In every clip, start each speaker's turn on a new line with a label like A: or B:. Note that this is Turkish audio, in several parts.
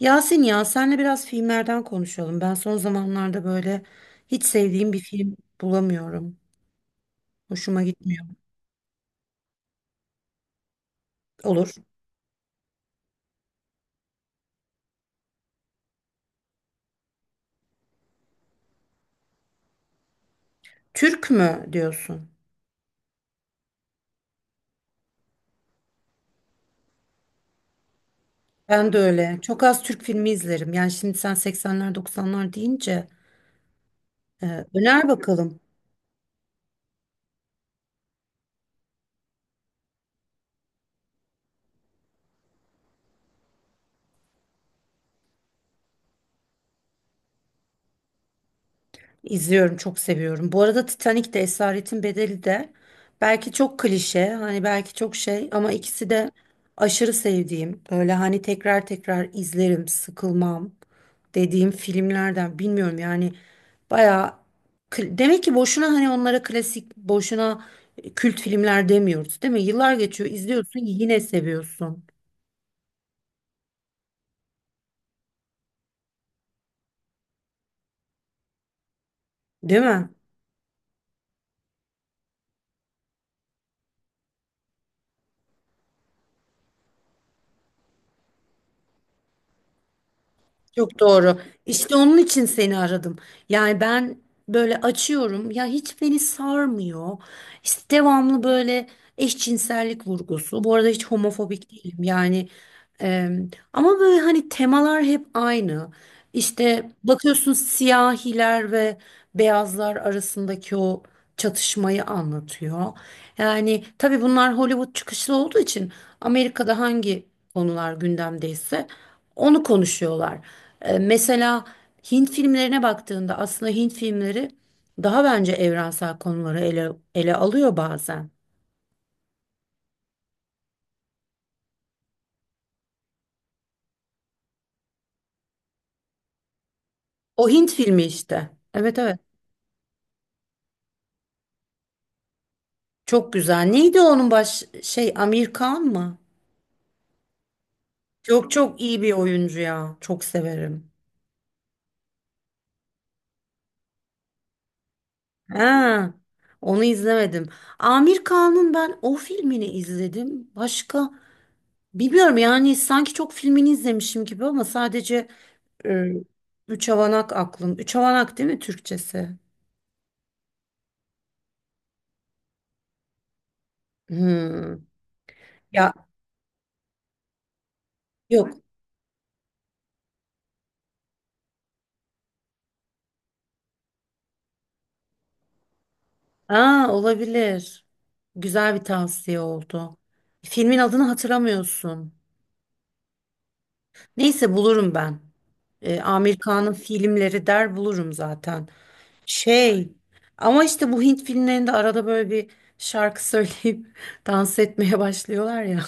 A: Yasin, ya senle biraz filmlerden konuşalım. Ben son zamanlarda böyle hiç sevdiğim bir film bulamıyorum. Hoşuma gitmiyor. Olur. Türk mü diyorsun? Ben de öyle. Çok az Türk filmi izlerim. Yani şimdi sen 80'ler 90'lar deyince e, öner bakalım. İzliyorum, çok seviyorum. Bu arada Titanic de Esaretin Bedeli de belki çok klişe, hani belki çok şey, ama ikisi de aşırı sevdiğim, böyle hani tekrar tekrar izlerim, sıkılmam dediğim filmlerden. Bilmiyorum yani, bayağı demek ki boşuna hani onlara klasik, boşuna kült filmler demiyoruz değil mi? Yıllar geçiyor, izliyorsun, yine seviyorsun değil mi? Çok doğru. İşte onun için seni aradım. Yani ben böyle açıyorum ya, hiç beni sarmıyor. İşte devamlı böyle eşcinsellik vurgusu. Bu arada hiç homofobik değilim. Yani e, ama böyle hani temalar hep aynı. İşte bakıyorsun, siyahiler ve beyazlar arasındaki o çatışmayı anlatıyor. Yani tabii bunlar Hollywood çıkışlı olduğu için Amerika'da hangi konular gündemdeyse onu konuşuyorlar. Mesela Hint filmlerine baktığında aslında Hint filmleri daha bence evrensel konuları ele alıyor bazen. O Hint filmi işte. Evet, evet. Çok güzel. Neydi onun baş şey, Amir Khan mı? Çok çok iyi bir oyuncu ya. Çok severim. Ha, onu izlemedim. Amir Khan'ın ben o filmini izledim. Başka bilmiyorum yani, sanki çok filmini izlemişim gibi ama sadece Ee, üç havanak aklım. Üç havanak değil mi Türkçesi? Hmm. Ya yok. Aa, olabilir. Güzel bir tavsiye oldu. Filmin adını hatırlamıyorsun. Neyse, bulurum ben. Amir Khan'ın filmleri der, bulurum zaten. Şey, ama işte bu Hint filmlerinde arada böyle bir şarkı söyleyip dans etmeye başlıyorlar ya.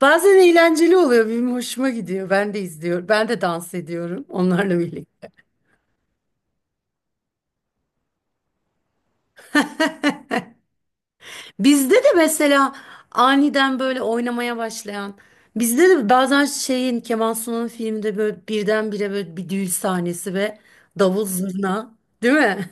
A: Bazen eğlenceli oluyor. Benim hoşuma gidiyor. Ben de izliyorum. Ben de dans ediyorum onlarla birlikte. Bizde de mesela aniden böyle oynamaya başlayan, bizde de bazen şeyin, Kemal Sunal'ın filminde böyle birdenbire böyle bir düğün sahnesi ve davul zurna, değil mi?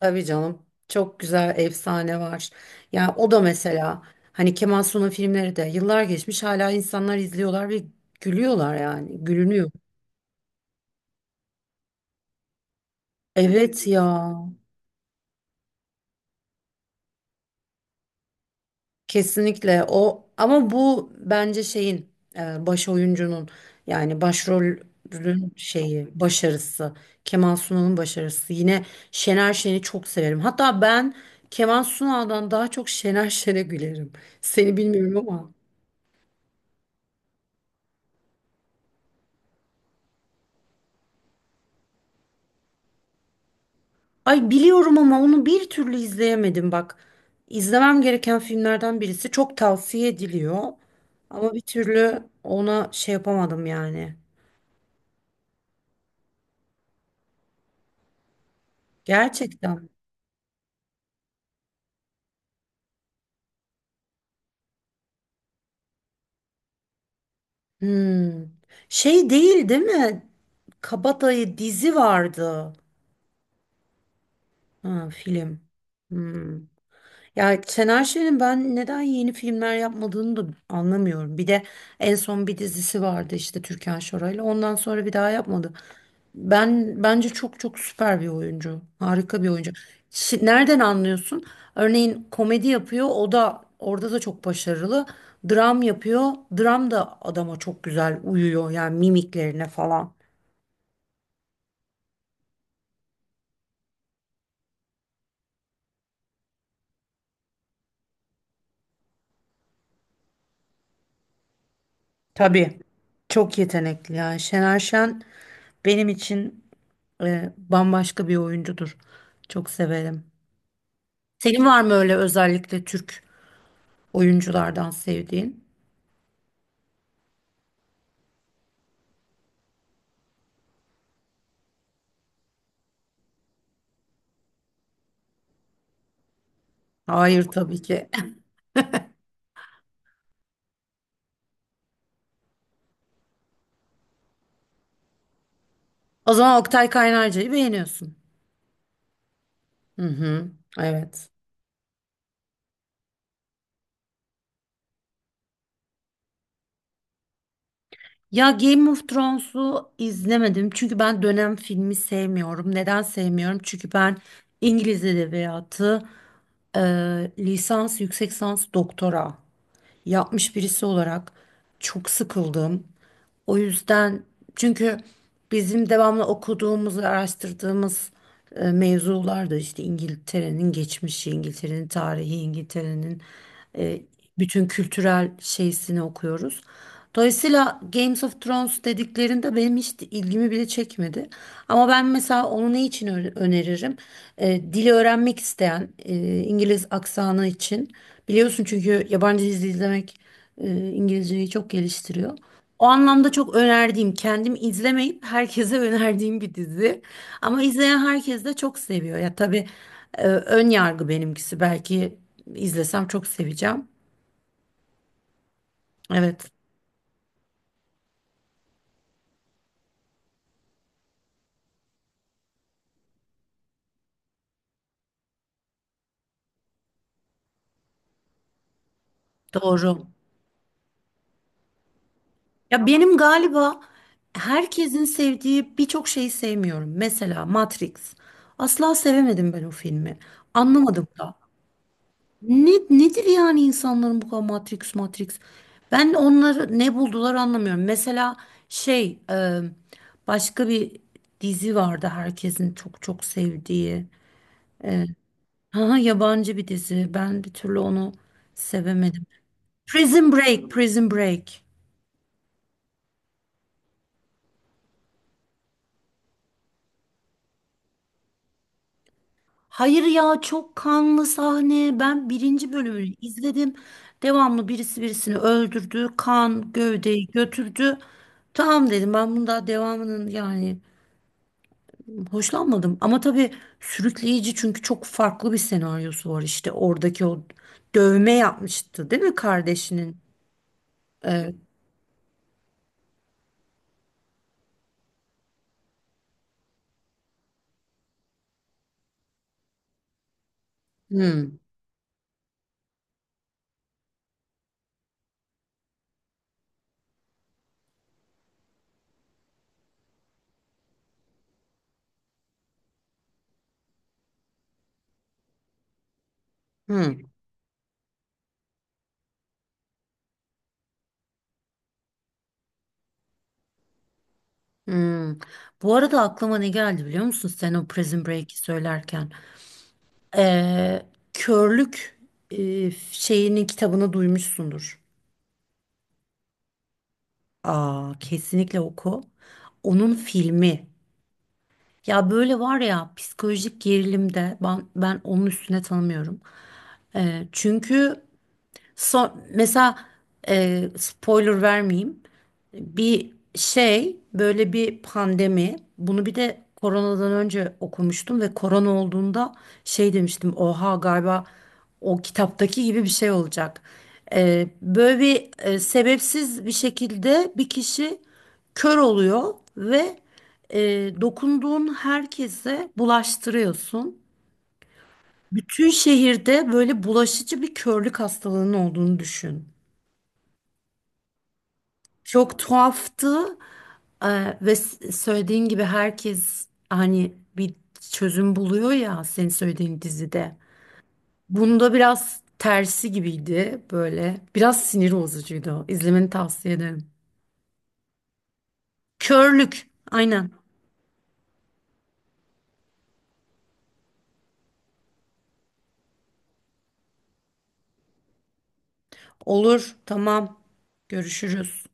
A: Tabii canım. Çok güzel efsane var. Yani o da mesela hani Kemal Sunal filmleri de, yıllar geçmiş hala insanlar izliyorlar ve gülüyorlar yani. Gülünüyor. Evet ya. Kesinlikle o, ama bu bence şeyin baş oyuncunun, yani başrolün şeyi, başarısı, Kemal Sunal'ın başarısı. Yine Şener Şen'i çok severim hatta ben, Kemal Sunal'dan daha çok Şener Şen'e gülerim, seni bilmiyorum ama. Ay, biliyorum ama onu bir türlü izleyemedim bak, izlemem gereken filmlerden birisi, çok tavsiye ediliyor ama bir türlü ona şey yapamadım yani, gerçekten. Hmm. Şey değil, değil mi? Kabadayı dizi vardı. Ha, film. Hmm. Ya Şener Şen'in ben neden yeni filmler yapmadığını da anlamıyorum. Bir de en son bir dizisi vardı işte, Türkan Şoray'la. Ondan sonra bir daha yapmadı. Ben bence çok çok süper bir oyuncu. Harika bir oyuncu. Nereden anlıyorsun? Örneğin komedi yapıyor. O da, orada da çok başarılı. Dram yapıyor. Dram da adama çok güzel uyuyor. Yani mimiklerine falan. Tabii. Çok yetenekli yani. Şener Şen benim için bambaşka bir oyuncudur. Çok severim. Senin var mı öyle özellikle Türk oyunculardan sevdiğin? Hayır, tabii ki. O zaman Oktay Kaynarca'yı beğeniyorsun. Hı hı. Evet. Ya Game of Thrones'u izlemedim çünkü ben dönem filmi sevmiyorum. Neden sevmiyorum? Çünkü ben İngiliz edebiyatı e, lisans, yüksek lisans, doktora yapmış birisi olarak çok sıkıldım. O yüzden, çünkü bizim devamlı okuduğumuz ve araştırdığımız mevzular da işte İngiltere'nin geçmişi, İngiltere'nin tarihi, İngiltere'nin e, bütün kültürel şeysini okuyoruz. Dolayısıyla Games of Thrones dediklerinde benim hiç ilgimi bile çekmedi. Ama ben mesela onu ne için öneririm? Dili öğrenmek isteyen, İngiliz aksanı için. Biliyorsun çünkü yabancı dizi izlemek İngilizceyi çok geliştiriyor. O anlamda çok önerdiğim, kendim izlemeyip herkese önerdiğim bir dizi. Ama izleyen herkes de çok seviyor. Ya tabii ön yargı benimkisi. Belki izlesem çok seveceğim. Evet, doğru. Ya benim galiba herkesin sevdiği birçok şeyi sevmiyorum. Mesela Matrix. Asla sevemedim ben o filmi. Anlamadım da. Nedir yani insanların bu kadar Matrix Matrix? Ben onları ne buldular anlamıyorum. Mesela şey, başka bir dizi vardı herkesin çok çok sevdiği. E, ha, yabancı bir dizi. Ben bir türlü onu sevemedim. Prison Break, Prison Break. Hayır ya, çok kanlı sahne. Ben birinci bölümünü izledim. Devamlı birisi birisini öldürdü. Kan gövdeyi götürdü. Tamam dedim, ben bunun daha devamının, yani hoşlanmadım. Ama tabii sürükleyici, çünkü çok farklı bir senaryosu var işte. Oradaki o dövme yapmıştı değil mi kardeşinin? Evet. Hmm, hmm, hmm. Bu arada aklıma ne geldi biliyor musun sen o Prison Break'i söylerken? Ee, Körlük şeyinin kitabını duymuşsundur. Aa, kesinlikle oku. Onun filmi. Ya böyle var ya, psikolojik gerilimde ben onun üstüne tanımıyorum. Çünkü son, mesela spoiler vermeyeyim. Bir şey, böyle bir pandemi, bunu bir de koronadan önce okumuştum ve korona olduğunda şey demiştim, oha galiba o kitaptaki gibi bir şey olacak. Böyle bir, sebepsiz bir şekilde bir kişi kör oluyor ve e, dokunduğun herkese bulaştırıyorsun. Bütün şehirde böyle bulaşıcı bir körlük hastalığının olduğunu düşün. Çok tuhaftı. Ve söylediğin gibi herkes hani bir çözüm buluyor ya, senin söylediğin dizide. Bunda biraz tersi gibiydi böyle. Biraz sinir bozucuydu. İzlemeni tavsiye ederim. Körlük. Aynen. Olur. Tamam. Görüşürüz.